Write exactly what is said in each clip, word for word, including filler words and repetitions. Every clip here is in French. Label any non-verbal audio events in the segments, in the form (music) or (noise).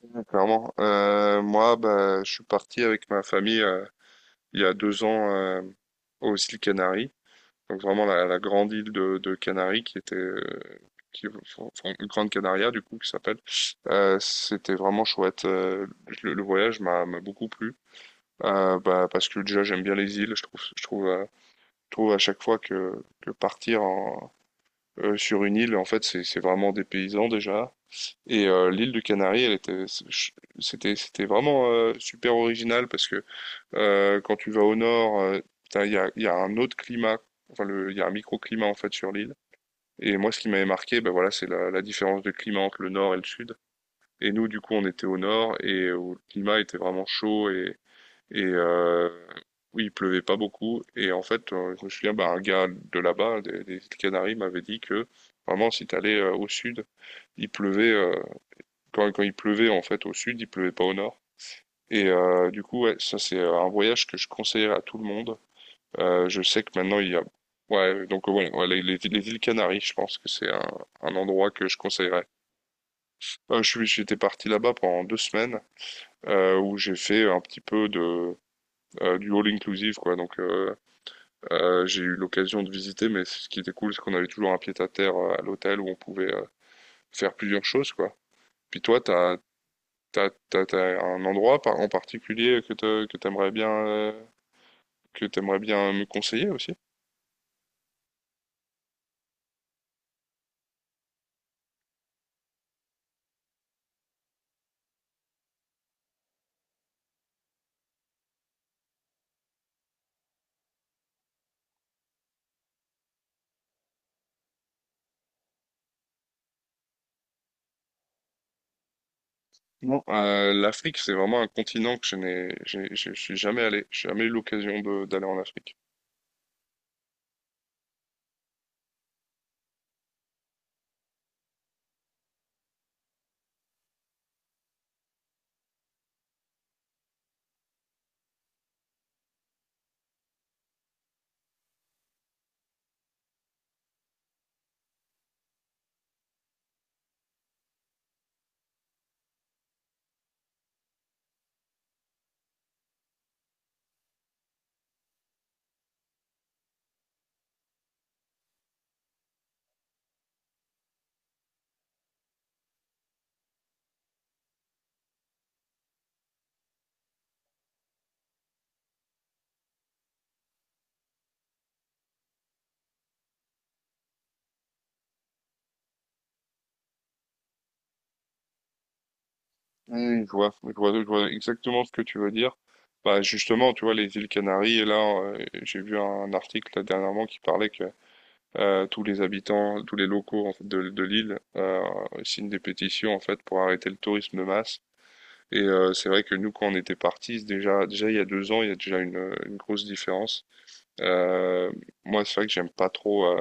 Ouais, clairement. Euh, moi, bah, je suis parti avec ma famille euh, il y a deux ans euh, aux îles Canaries, donc vraiment la, la grande île de, de Canaries qui était, euh, qui, enfin, Grande Canaria du coup qui s'appelle. Euh, c'était vraiment chouette. Euh, le, le voyage m'a m'a beaucoup plu. Euh, bah, parce que déjà j'aime bien les îles. Je trouve, je trouve, euh, je trouve à chaque fois que, que partir en, euh, sur une île, en fait, c'est c'est vraiment dépaysant déjà. Et euh, l'île du Canari, elle était, c'était, c'était vraiment euh, super original parce que euh, quand tu vas au nord, euh, putain, il y a, il y a un autre climat, enfin le, il y a un microclimat en fait sur l'île. Et moi, ce qui m'avait marqué, ben voilà, c'est la, la différence de climat entre le nord et le sud. Et nous, du coup, on était au nord et où le climat était vraiment chaud et, et euh, oui, il pleuvait pas beaucoup. Et en fait, euh, je me souviens, bah, un gars de là-bas, des, des Canaries, m'avait dit que vraiment, si tu allais au sud, il pleuvait, euh, quand, quand il pleuvait en fait au sud, il pleuvait pas au nord. Et euh, du coup, ouais, ça c'est euh, un voyage que je conseillerais à tout le monde. Euh, je sais que maintenant il y a, ouais, donc ouais, ouais, les, les- les îles Canaries, je pense que c'est un, un endroit que je conseillerais. Euh, je suis, j'étais parti là-bas pendant deux semaines euh, où j'ai fait un petit peu de euh, du all inclusive quoi. Donc euh, euh, j'ai eu l'occasion de visiter, mais ce qui était cool, c'est qu'on avait toujours un pied-à-terre euh, à l'hôtel où on pouvait euh, faire plusieurs choses quoi. Puis toi, t'as. T'as, t'as- t'as un endroit par- en particulier que te- que t'aimerais bien, euh, que t'aimerais bien me conseiller aussi? Non. Euh, l'Afrique, c'est vraiment un continent que je n'ai, j'ai- je je suis jamais allé. J'ai jamais eu l'occasion de- d'aller en Afrique. Oui, je vois, je vois, je vois exactement ce que tu veux dire. Bah justement, tu vois, les îles Canaries, et là, euh, j'ai vu un article là, dernièrement qui parlait que euh, tous les habitants, tous les locaux en fait, de, de l'île euh, signent des pétitions en fait pour arrêter le tourisme de masse. Et euh, c'est vrai que nous, quand on était partis, déjà, déjà il y a deux ans, il y a déjà une, une grosse différence. Euh, moi, c'est vrai que j'aime pas trop euh,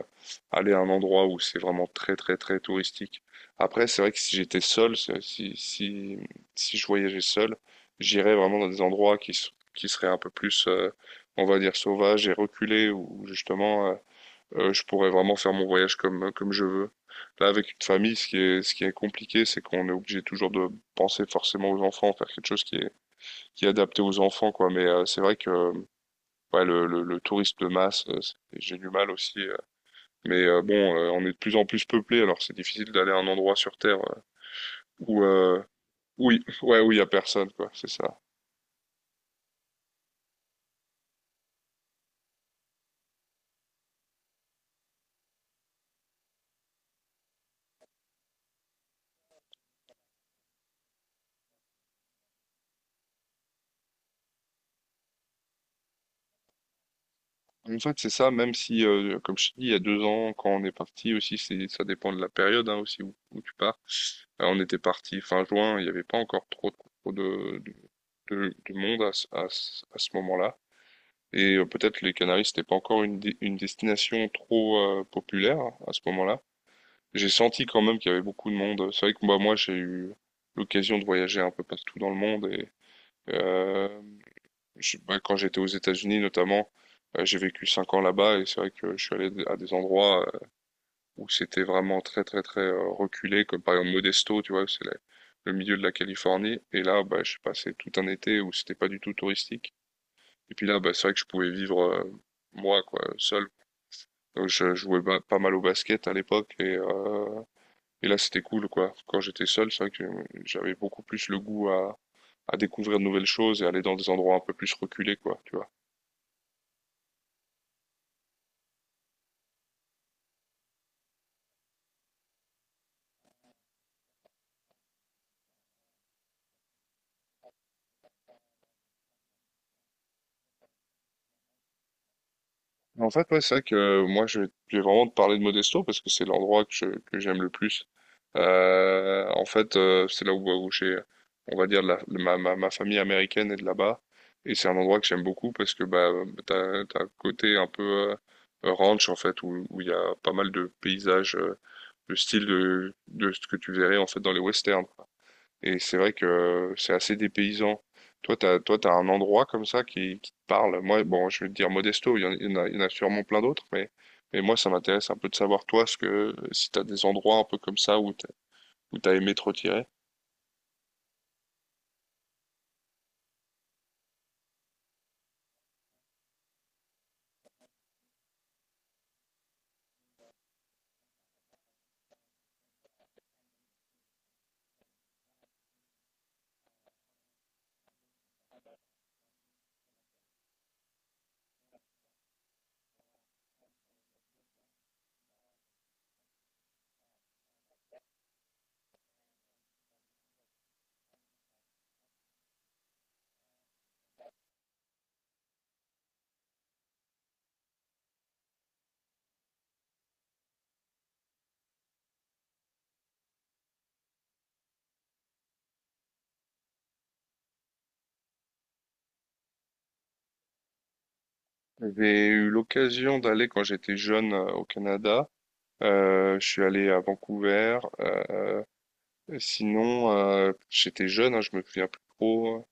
aller à un endroit où c'est vraiment très, très, très touristique. Après, c'est vrai que si j'étais seul, c'est- si, si, si je voyageais seul, j'irais vraiment dans des endroits qui, s- qui seraient un peu plus, euh, on va dire, sauvages et reculés, où justement, euh, euh, je pourrais vraiment faire mon voyage comme, comme je veux. Là, avec une famille, ce qui est, ce qui est compliqué, c'est qu'on est obligé toujours de penser forcément aux enfants, faire quelque chose qui est, qui est adapté aux enfants, quoi. Mais euh, c'est vrai que ouais, le, le, le tourisme de masse, euh, c'est- j'ai du mal aussi. euh. Mais euh, bon, euh, on est de plus en plus peuplé, alors c'est difficile d'aller à un endroit sur Terre euh, où, euh, oui, ouais, où il y a personne, quoi. C'est ça. En fait, c'est ça, même si, euh, comme je te dis, il y a deux ans, quand on est parti aussi, c'est, ça dépend de la période hein, aussi où, où tu pars. Euh, on était parti fin juin, il n'y avait pas encore trop, trop de, de- de monde à, ce- à ce à ce moment-là. Et euh, peut-être les Canaries, c'était pas encore une, di- une destination trop euh, populaire à ce moment-là. J'ai senti quand même qu'il y avait beaucoup de monde. C'est vrai que bah, moi, j'ai eu l'occasion de voyager un peu partout dans le monde. Et euh, je- bah, quand j'étais aux États-Unis notamment, euh, j'ai vécu cinq ans là-bas et c'est vrai que je suis allé à des endroits euh, où c'était vraiment très très très euh, reculé, comme par exemple Modesto, tu vois, c'est le milieu de la Californie. Et là, bah, je j'ai passé tout un été où c'était pas du tout touristique. Et puis là, bah, c'est vrai que je pouvais vivre euh, moi, quoi, seul. Donc je jouais ba- pas mal au basket à l'époque et, euh, et là c'était cool quoi. Quand j'étais seul, c'est vrai que j'avais beaucoup plus le goût à, à découvrir de nouvelles choses et aller dans des endroits un peu plus reculés quoi, tu vois. En fait, ouais, c'est vrai que euh, moi, je je vais vraiment te parler de Modesto parce que c'est l'endroit que je- que j'aime le plus. Euh, en fait, euh, c'est là où, où j'ai, on va dire, la- ma, ma, ma famille américaine est de là-bas. Et c'est un endroit que j'aime beaucoup parce que bah, t'as, t'as un côté un peu euh, ranch, en fait, où où il y a pas mal de paysages, euh, de style de, de ce que tu verrais, en fait, dans les westerns. Et c'est vrai que c'est assez dépaysant. Toi, t'as, toi, t'as un endroit comme ça qui, qui te parle. Moi, bon, je vais te dire Modesto, il y en, il y en a, il y en a sûrement plein d'autres, mais, mais moi, ça m'intéresse un peu de savoir, toi, ce que, si t'as des endroits un peu comme ça où t'as, où t'as, aimé te retirer. J'ai eu l'occasion d'aller quand j'étais jeune euh, au Canada. Euh, je suis allé à Vancouver. euh, sinon, euh, j'étais jeune, hein, je me souviens plus trop.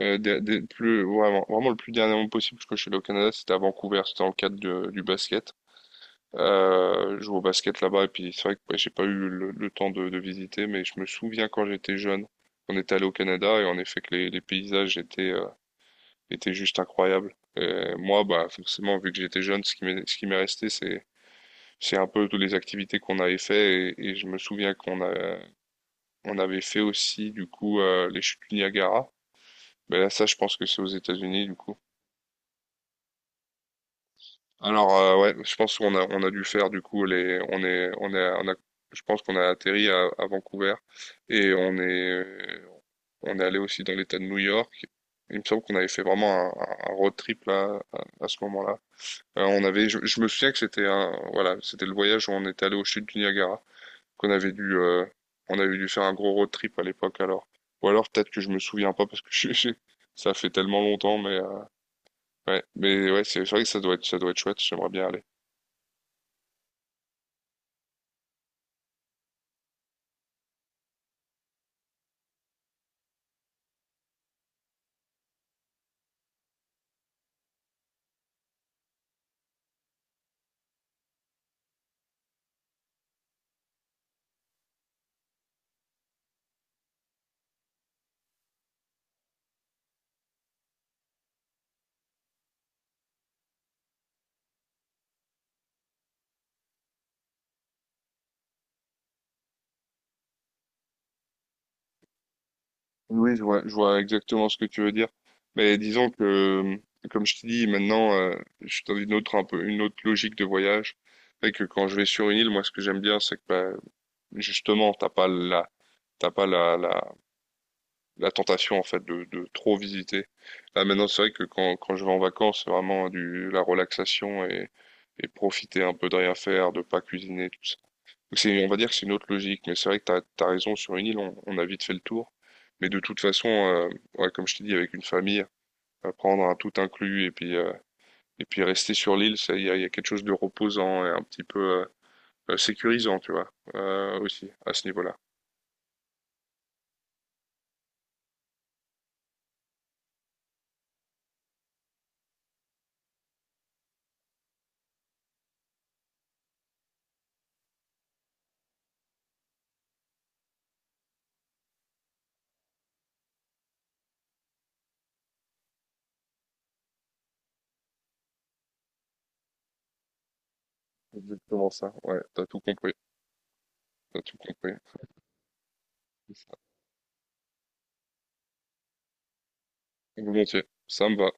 Euh, des- des- plus, vraiment, vraiment le plus dernièrement possible parce que je suis allé au Canada, c'était à Vancouver, c'était dans le cadre de- du basket. Euh, je joue au basket là-bas et puis c'est vrai que ouais, j'ai pas eu le, le temps de, de visiter, mais je me souviens quand j'étais jeune, on était allé au Canada et en effet que les, les paysages étaient, euh, étaient juste incroyables. Et moi, bah forcément, vu que j'étais jeune, ce qui m'est ce qui m'est resté, c'est c'est un peu toutes les activités qu'on avait fait et, et je me souviens qu'on a on avait fait aussi du coup euh, les chutes du Niagara. Mais là, ça, je pense que c'est aux États-Unis du coup. Alors euh, ouais, je pense qu'on a on a dû faire du coup les on est on est on a je pense qu'on a atterri à, à Vancouver et on est on est allé aussi dans l'État de New York. Il me semble qu'on avait fait vraiment un, un road trip là à, à ce moment-là. Euh, on avait je, je me souviens que c'était un voilà, c'était le voyage où on est allé au chutes du Niagara qu'on avait dû euh, on avait dû faire un gros road trip à l'époque alors. Ou alors peut-être que je me souviens pas parce que (laughs) je, je- ça fait tellement longtemps mais euh, ouais mais ouais c'est c'est vrai que ça doit être ça doit être chouette. J'aimerais bien aller. Oui, je vois, je vois exactement ce que tu veux dire. Mais disons que, comme je t'ai dit, maintenant, euh, je suis dans une autre, un peu, une autre logique de voyage. Fait que quand je vais sur une île, moi, ce que j'aime bien, c'est que, bah, justement, t'as pas la, t'as pas la, la, la tentation, en fait, de, de trop visiter. Là, maintenant, c'est vrai que quand, quand je vais en vacances, c'est vraiment du, la relaxation et, et profiter un peu de rien faire, de pas cuisiner, tout ça. Donc, c'est, on va dire que c'est une autre logique, mais c'est vrai que t'as, t'as raison, sur une île, on, on a vite fait le tour. Mais de toute façon, euh, ouais, comme je t'ai dit, avec une famille, euh, prendre un tout inclus et puis euh, et puis rester sur l'île, ça, il y a, il y a quelque chose de reposant et un petit peu euh, euh, sécurisant, tu vois, euh, aussi à ce niveau-là. Exactement ça. Ouais, t'as tout compris, t'as tout compris. Volontiers, ça me va.